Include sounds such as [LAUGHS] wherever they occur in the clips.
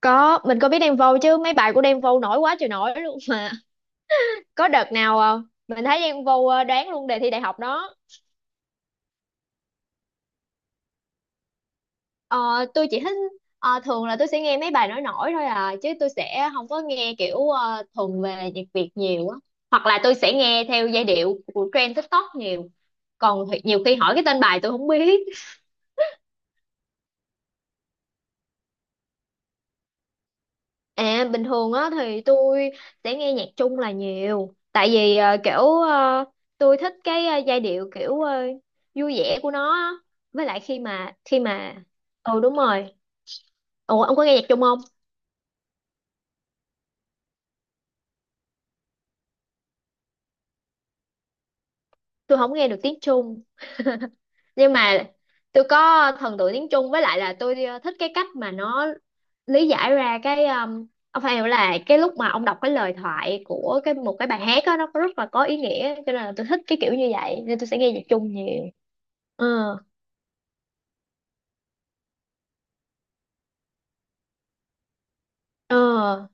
Có, mình có biết Đen Vâu chứ mấy bài của Đen Vâu nổi quá trời nổi luôn mà. Có đợt nào mình thấy Đen Vâu đoán luôn đề thi đại học đó. Ờ, tôi chỉ thích thường là tôi sẽ nghe mấy bài nổi nổi thôi à chứ tôi sẽ không có nghe kiểu thuần về nhạc Việt nhiều á. Hoặc là tôi sẽ nghe theo giai điệu của trend TikTok nhiều. Còn nhiều khi hỏi cái tên bài tôi không biết. À bình thường á thì tôi sẽ nghe nhạc Trung là nhiều tại vì kiểu tôi thích cái giai điệu kiểu vui vẻ của nó á. Với lại khi mà ừ đúng rồi. Ủa ông có nghe nhạc Trung không? Tôi không nghe được tiếng Trung nhưng mà tôi có thần tượng tiếng Trung với lại là tôi thích cái cách mà nó lý giải ra cái ông phải hiểu là cái lúc mà ông đọc cái lời thoại của một cái bài hát á nó rất là có ý nghĩa cho nên là tôi thích cái kiểu như vậy nên tôi sẽ nghe nhạc Trung nhiều. Ừ. Ờ,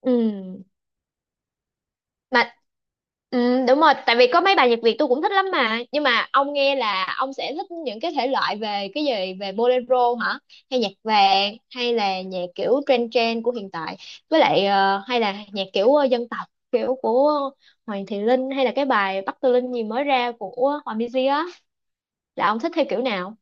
ừ. Mà ừ, đúng rồi, tại vì có mấy bài nhạc Việt tôi cũng thích lắm mà. Nhưng mà ông nghe là ông sẽ thích những cái thể loại về cái gì, về bolero hả? Hay nhạc vàng hay là nhạc kiểu trend trend của hiện tại. Với lại hay là nhạc kiểu dân tộc kiểu của Hoàng Thị Linh hay là cái bài Bắc Tư Linh gì mới ra của Hòa Minzy á, là ông thích theo kiểu nào?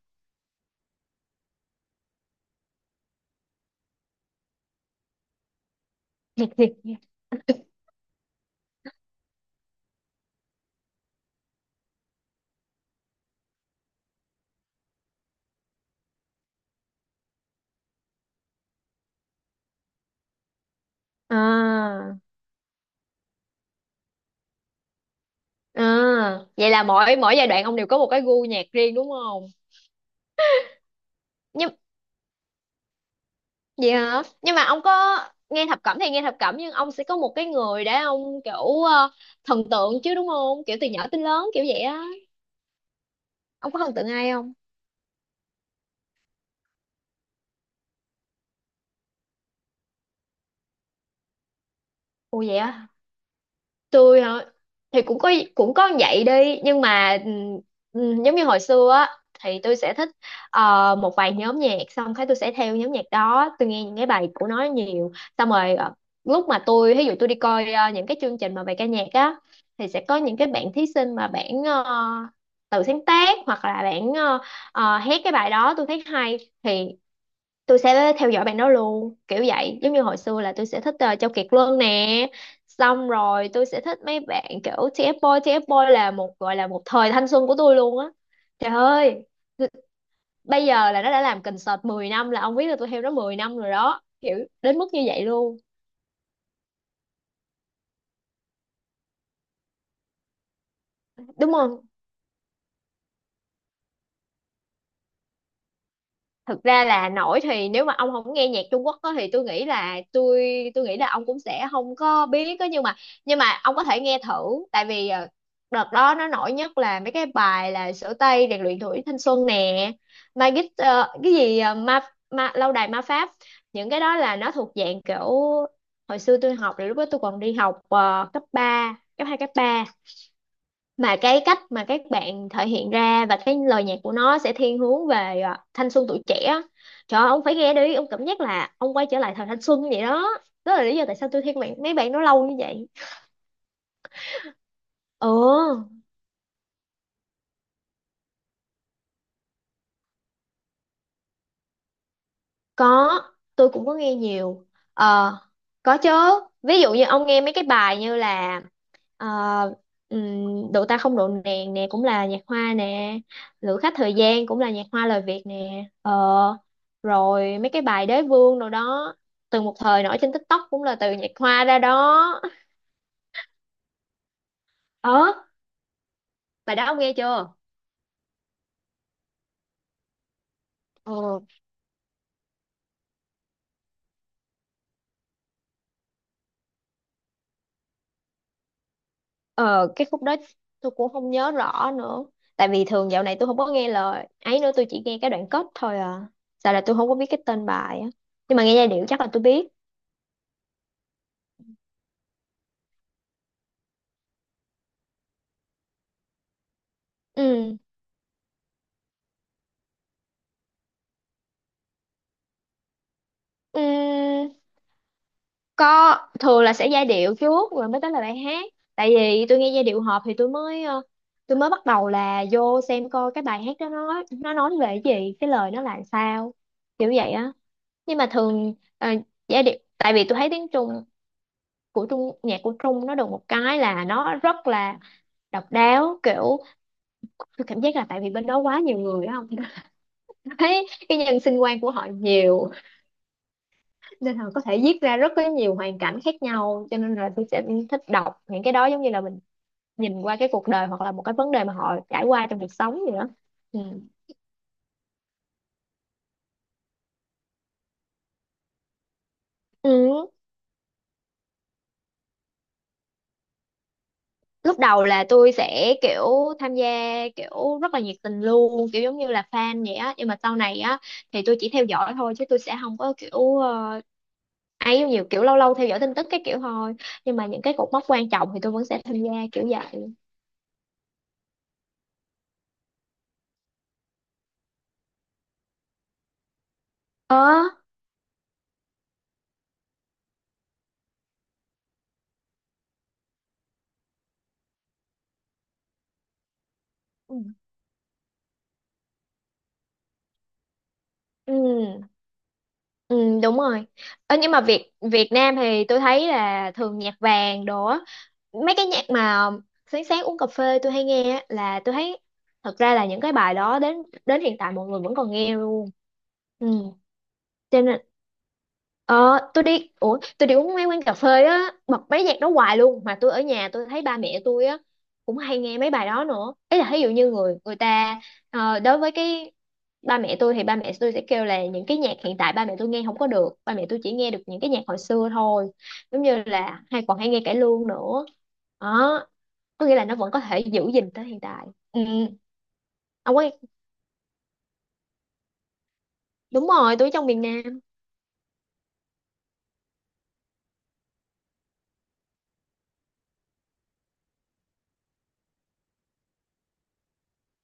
À, à, vậy là mỗi mỗi giai đoạn ông đều có một cái gu nhạc riêng đúng không? Nhưng vậy hả? Nhưng mà ông có nghe thập cẩm thì nghe thập cẩm nhưng ông sẽ có một cái người để ông kiểu thần tượng chứ đúng không? Kiểu từ nhỏ tới lớn kiểu vậy á. Ông có thần tượng ai không? Ồ vậy á, tôi hả, thì cũng có vậy đi nhưng mà giống như hồi xưa á thì tôi sẽ thích một vài nhóm nhạc xong cái tôi sẽ theo nhóm nhạc đó, tôi nghe những cái bài của nó nhiều, xong rồi lúc mà tôi ví dụ tôi đi coi những cái chương trình mà về ca nhạc á thì sẽ có những cái bạn thí sinh mà bạn tự sáng tác hoặc là bạn hát cái bài đó tôi thấy hay thì tôi sẽ theo dõi bạn đó luôn kiểu vậy, giống như hồi xưa là tôi sẽ thích Châu Kiệt Luân nè, xong rồi tôi sẽ thích mấy bạn kiểu TF Boy. TF Boy là một gọi là một thời thanh xuân của tôi luôn á, trời ơi, bây giờ là nó đã làm concert 10 năm là ông biết là tôi theo nó 10 năm rồi đó, kiểu đến mức như vậy luôn đúng không. Thực ra là nổi thì nếu mà ông không nghe nhạc Trung Quốc á, thì tôi nghĩ là tôi nghĩ là ông cũng sẽ không có biết á, nhưng mà ông có thể nghe thử, tại vì đợt đó nó nổi nhất là mấy cái bài là Sửa Tay rèn luyện tuổi thanh xuân nè, Magic cái gì ma lâu đài ma pháp, những cái đó là nó thuộc dạng kiểu hồi xưa tôi học, là lúc đó tôi còn đi học cấp 3, cấp 2, cấp ba, mà cái cách mà các bạn thể hiện ra và cái lời nhạc của nó sẽ thiên hướng về à, thanh xuân tuổi trẻ á. Trời ơi, ông phải nghe đi, ông cảm giác là ông quay trở lại thời thanh xuân vậy đó, đó là lý do tại sao tôi thích bạn mấy bạn nó lâu như vậy. Ừ, có, tôi cũng có nghe nhiều. Ờ, có chứ, ví dụ như ông nghe mấy cái bài như là Ờ, độ ta không độ nàng nè cũng là nhạc hoa nè, Lữ khách thời gian cũng là nhạc hoa lời Việt nè, rồi mấy cái bài đế vương rồi đó, từng một thời nổi trên TikTok cũng là từ nhạc hoa ra đó. Ờ, bài đó ông nghe chưa. Ờ, ờ, cái khúc đó tôi cũng không nhớ rõ nữa, tại vì thường dạo này tôi không có nghe lời ấy nữa, tôi chỉ nghe cái đoạn kết thôi à, sao là tôi không có biết cái tên bài á, nhưng mà nghe giai điệu chắc là tôi biết. Ừ, ừ, có, thường là sẽ giai điệu trước rồi mới tới là bài hát, tại vì tôi nghe giai điệu hợp thì tôi mới tôi mới bắt đầu là vô xem coi cái bài hát đó, nó nói về cái gì, cái lời nó là sao, kiểu vậy á. Nhưng mà thường giai điệu, tại vì tôi thấy tiếng Trung, của Trung, nhạc của Trung nó được một cái là nó rất là độc đáo, kiểu tôi cảm giác là tại vì bên đó quá nhiều người á không. [LAUGHS] Thấy cái nhân sinh quan của họ nhiều nên là có thể viết ra rất có nhiều hoàn cảnh khác nhau, cho nên là tôi sẽ thích đọc những cái đó, giống như là mình nhìn qua cái cuộc đời hoặc là một cái vấn đề mà họ trải qua trong cuộc sống gì đó. Ừ. Ừ, lúc đầu là tôi sẽ kiểu tham gia kiểu rất là nhiệt tình luôn, kiểu giống như là fan vậy á, nhưng mà sau này á thì tôi chỉ theo dõi thôi chứ tôi sẽ không có kiểu ấy nhiều, kiểu lâu lâu theo dõi tin tức cái kiểu thôi, nhưng mà những cái cột mốc quan trọng thì tôi vẫn sẽ tham gia kiểu vậy. Ờ, ừ. Ừ. Ừ, đúng rồi. Ơ, nhưng mà Việt Việt Nam thì tôi thấy là thường nhạc vàng đồ á. Mấy cái nhạc mà sáng sáng uống cà phê tôi hay nghe á, là tôi thấy thật ra là những cái bài đó đến đến hiện tại mọi người vẫn còn nghe luôn. Ừ, cho nên ờ tôi đi, ủa tôi đi uống mấy quán cà phê á bật mấy nhạc đó hoài luôn mà, tôi ở nhà tôi thấy ba mẹ tôi á cũng hay nghe mấy bài đó nữa. Ý là ví dụ như người người ta đối với cái ba mẹ tôi thì ba mẹ tôi sẽ kêu là những cái nhạc hiện tại ba mẹ tôi nghe không có được, ba mẹ tôi chỉ nghe được những cái nhạc hồi xưa thôi, giống như là hay còn hay nghe cải lương nữa đó, có nghĩa là nó vẫn có thể giữ gìn tới hiện tại. Ừ, ông ấy. Đúng rồi, tôi ở trong miền Nam.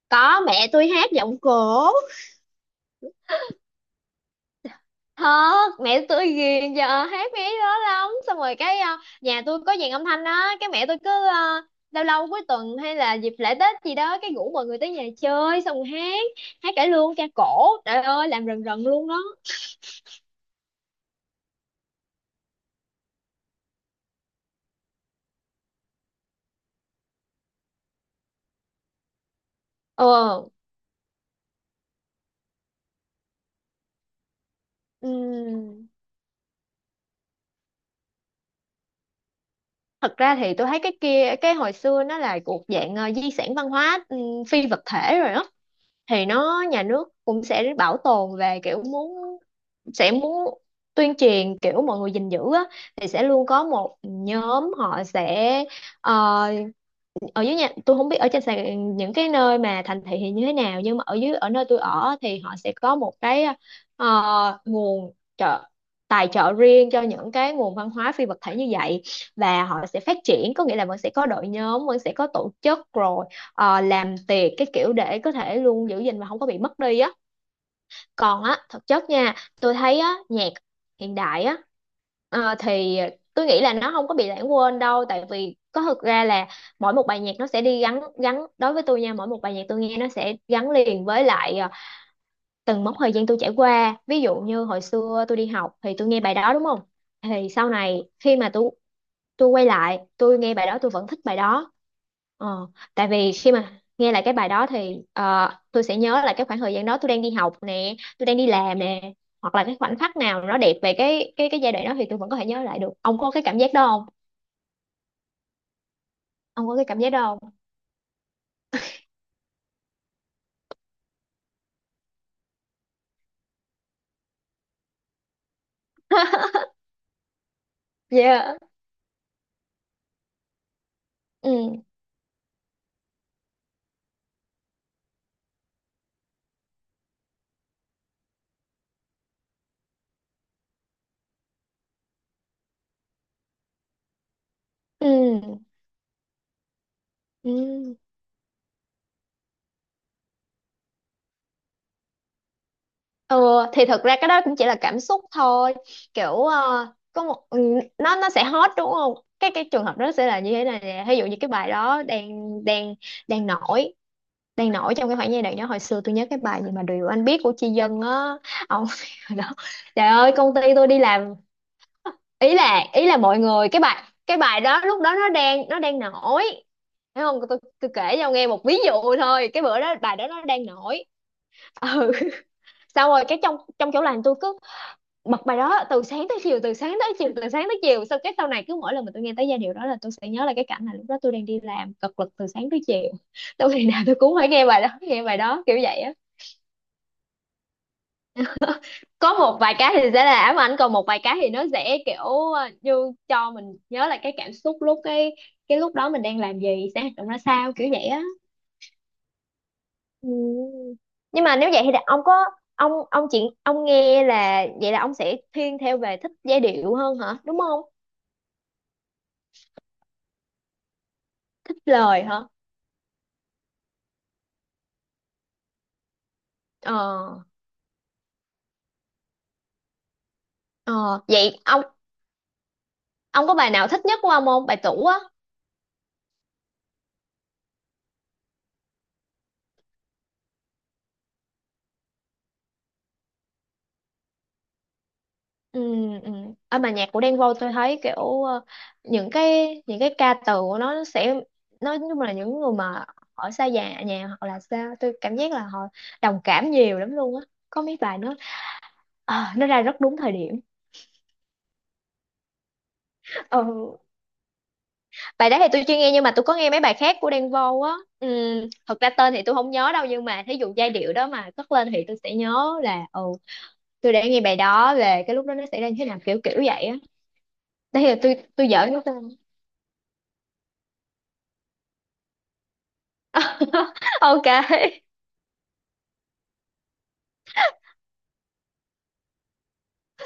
Có, mẹ tôi hát giọng cổ. Thật, mẹ tôi ghiền giờ hát mấy đó lắm, xong rồi cái nhà tôi có dàn âm thanh đó, cái mẹ tôi cứ lâu lâu cuối tuần hay là dịp lễ tết gì đó cái rủ mọi người tới nhà chơi xong rồi hát, hát cải lương ca cổ, trời ơi làm rần rần luôn đó. Ờ, ừm, thật ra thì tôi thấy cái kia, cái hồi xưa nó là thuộc dạng di sản văn hóa, phi vật thể rồi đó, thì nó nhà nước cũng sẽ bảo tồn về kiểu muốn, sẽ muốn tuyên truyền kiểu mọi người gìn giữ á, thì sẽ luôn có một nhóm họ sẽ ờ, ở dưới nhà tôi không biết ở trên những cái nơi mà thành thị thì như thế nào nhưng mà ở dưới, ở nơi tôi ở thì họ sẽ có một cái nguồn trợ, tài trợ riêng cho những cái nguồn văn hóa phi vật thể như vậy, và họ sẽ phát triển, có nghĩa là vẫn sẽ có đội nhóm, vẫn sẽ có tổ chức rồi làm tiệc cái kiểu để có thể luôn giữ gìn và không có bị mất đi á. Còn á thực chất nha, tôi thấy á nhạc hiện đại á, thì tôi nghĩ là nó không có bị lãng quên đâu, tại vì có thực ra là mỗi một bài nhạc nó sẽ đi gắn gắn đối với tôi nha, mỗi một bài nhạc tôi nghe nó sẽ gắn liền với lại từng mốc thời gian tôi trải qua, ví dụ như hồi xưa tôi đi học thì tôi nghe bài đó đúng không, thì sau này khi mà tôi quay lại tôi nghe bài đó tôi vẫn thích bài đó, ờ, tại vì khi mà nghe lại cái bài đó thì tôi sẽ nhớ lại cái khoảng thời gian đó, tôi đang đi học nè, tôi đang đi làm nè, hoặc là cái khoảnh khắc nào nó đẹp về cái cái giai đoạn đó thì tôi vẫn có thể nhớ lại được. Ông có cái cảm giác đó không? Ông có cái cảm giác đó không? [LAUGHS] Yeah, ừ, ừ, ừ. Ừ, thì thật ra cái đó cũng chỉ là cảm xúc thôi, kiểu có một ừ, nó sẽ hot đúng không, cái cái trường hợp đó sẽ là như thế này nè, ví dụ như cái bài đó đang đang đang nổi, đang nổi trong cái khoảng giai đoạn đó. Hồi xưa tôi nhớ cái bài gì mà Điều Anh Biết của Chi Dân á, ông [LAUGHS] hồi đó trời ơi công ty tôi đi làm, ý là mọi người cái bài đó lúc đó nó đang đang nổi, thấy không, tôi, tôi kể cho ông nghe một ví dụ thôi, cái bữa đó bài đó nó đang nổi. [LAUGHS] Ừ, xong rồi cái trong trong chỗ làm tôi bật bài đó từ sáng tới chiều, từ sáng tới chiều, từ sáng tới chiều, sau cái sau này cứ mỗi lần mà tôi nghe tới giai điệu đó là tôi sẽ nhớ là cái cảnh là lúc đó tôi đang đi làm cật lực từ sáng tới chiều. [LAUGHS] Tôi ngày nào tôi cũng phải nghe bài đó, nghe bài đó kiểu vậy á. Có một vài cái thì sẽ là ám ảnh, còn một vài cái thì nó sẽ kiểu như cho mình nhớ là cái cảm xúc lúc cái lúc đó mình đang làm gì, sẽ hoạt động ra sao kiểu vậy á. Ừ. Nhưng mà nếu vậy thì ông có, ông chuyện ông nghe là vậy, là ông sẽ thiên theo về thích giai điệu hơn hả đúng không? Thích lời hả? Ờ, ờ, vậy ông có bài nào thích nhất của ông không? Bài tủ á. Ừ, ừ. Ở bài nhạc của Đen Vâu tôi thấy kiểu những cái ca từ của nó sẽ, nó nhưng là những người mà ở xa nhà nhà hoặc là xa, tôi cảm giác là họ đồng cảm nhiều lắm luôn á. Có mấy bài nó nó ra rất đúng thời điểm. Ừ. Bài đó thì tôi chưa nghe nhưng mà tôi có nghe mấy bài khác của Đen Vâu á. Ừ, thật ra tên thì tôi không nhớ đâu, nhưng mà thí dụ giai điệu đó mà cất lên thì tôi sẽ nhớ là ừ, tôi đã nghe bài đó, về cái lúc đó nó xảy ra như thế nào kiểu kiểu vậy á. Đấy là tôi giỡn nó tên. [LAUGHS] Ok.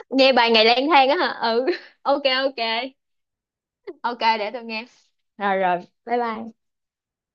Nghe bài Ngày Lang Thang á hả? Ừ, ok, ok, ok, để tôi nghe. Rồi rồi, bye bye.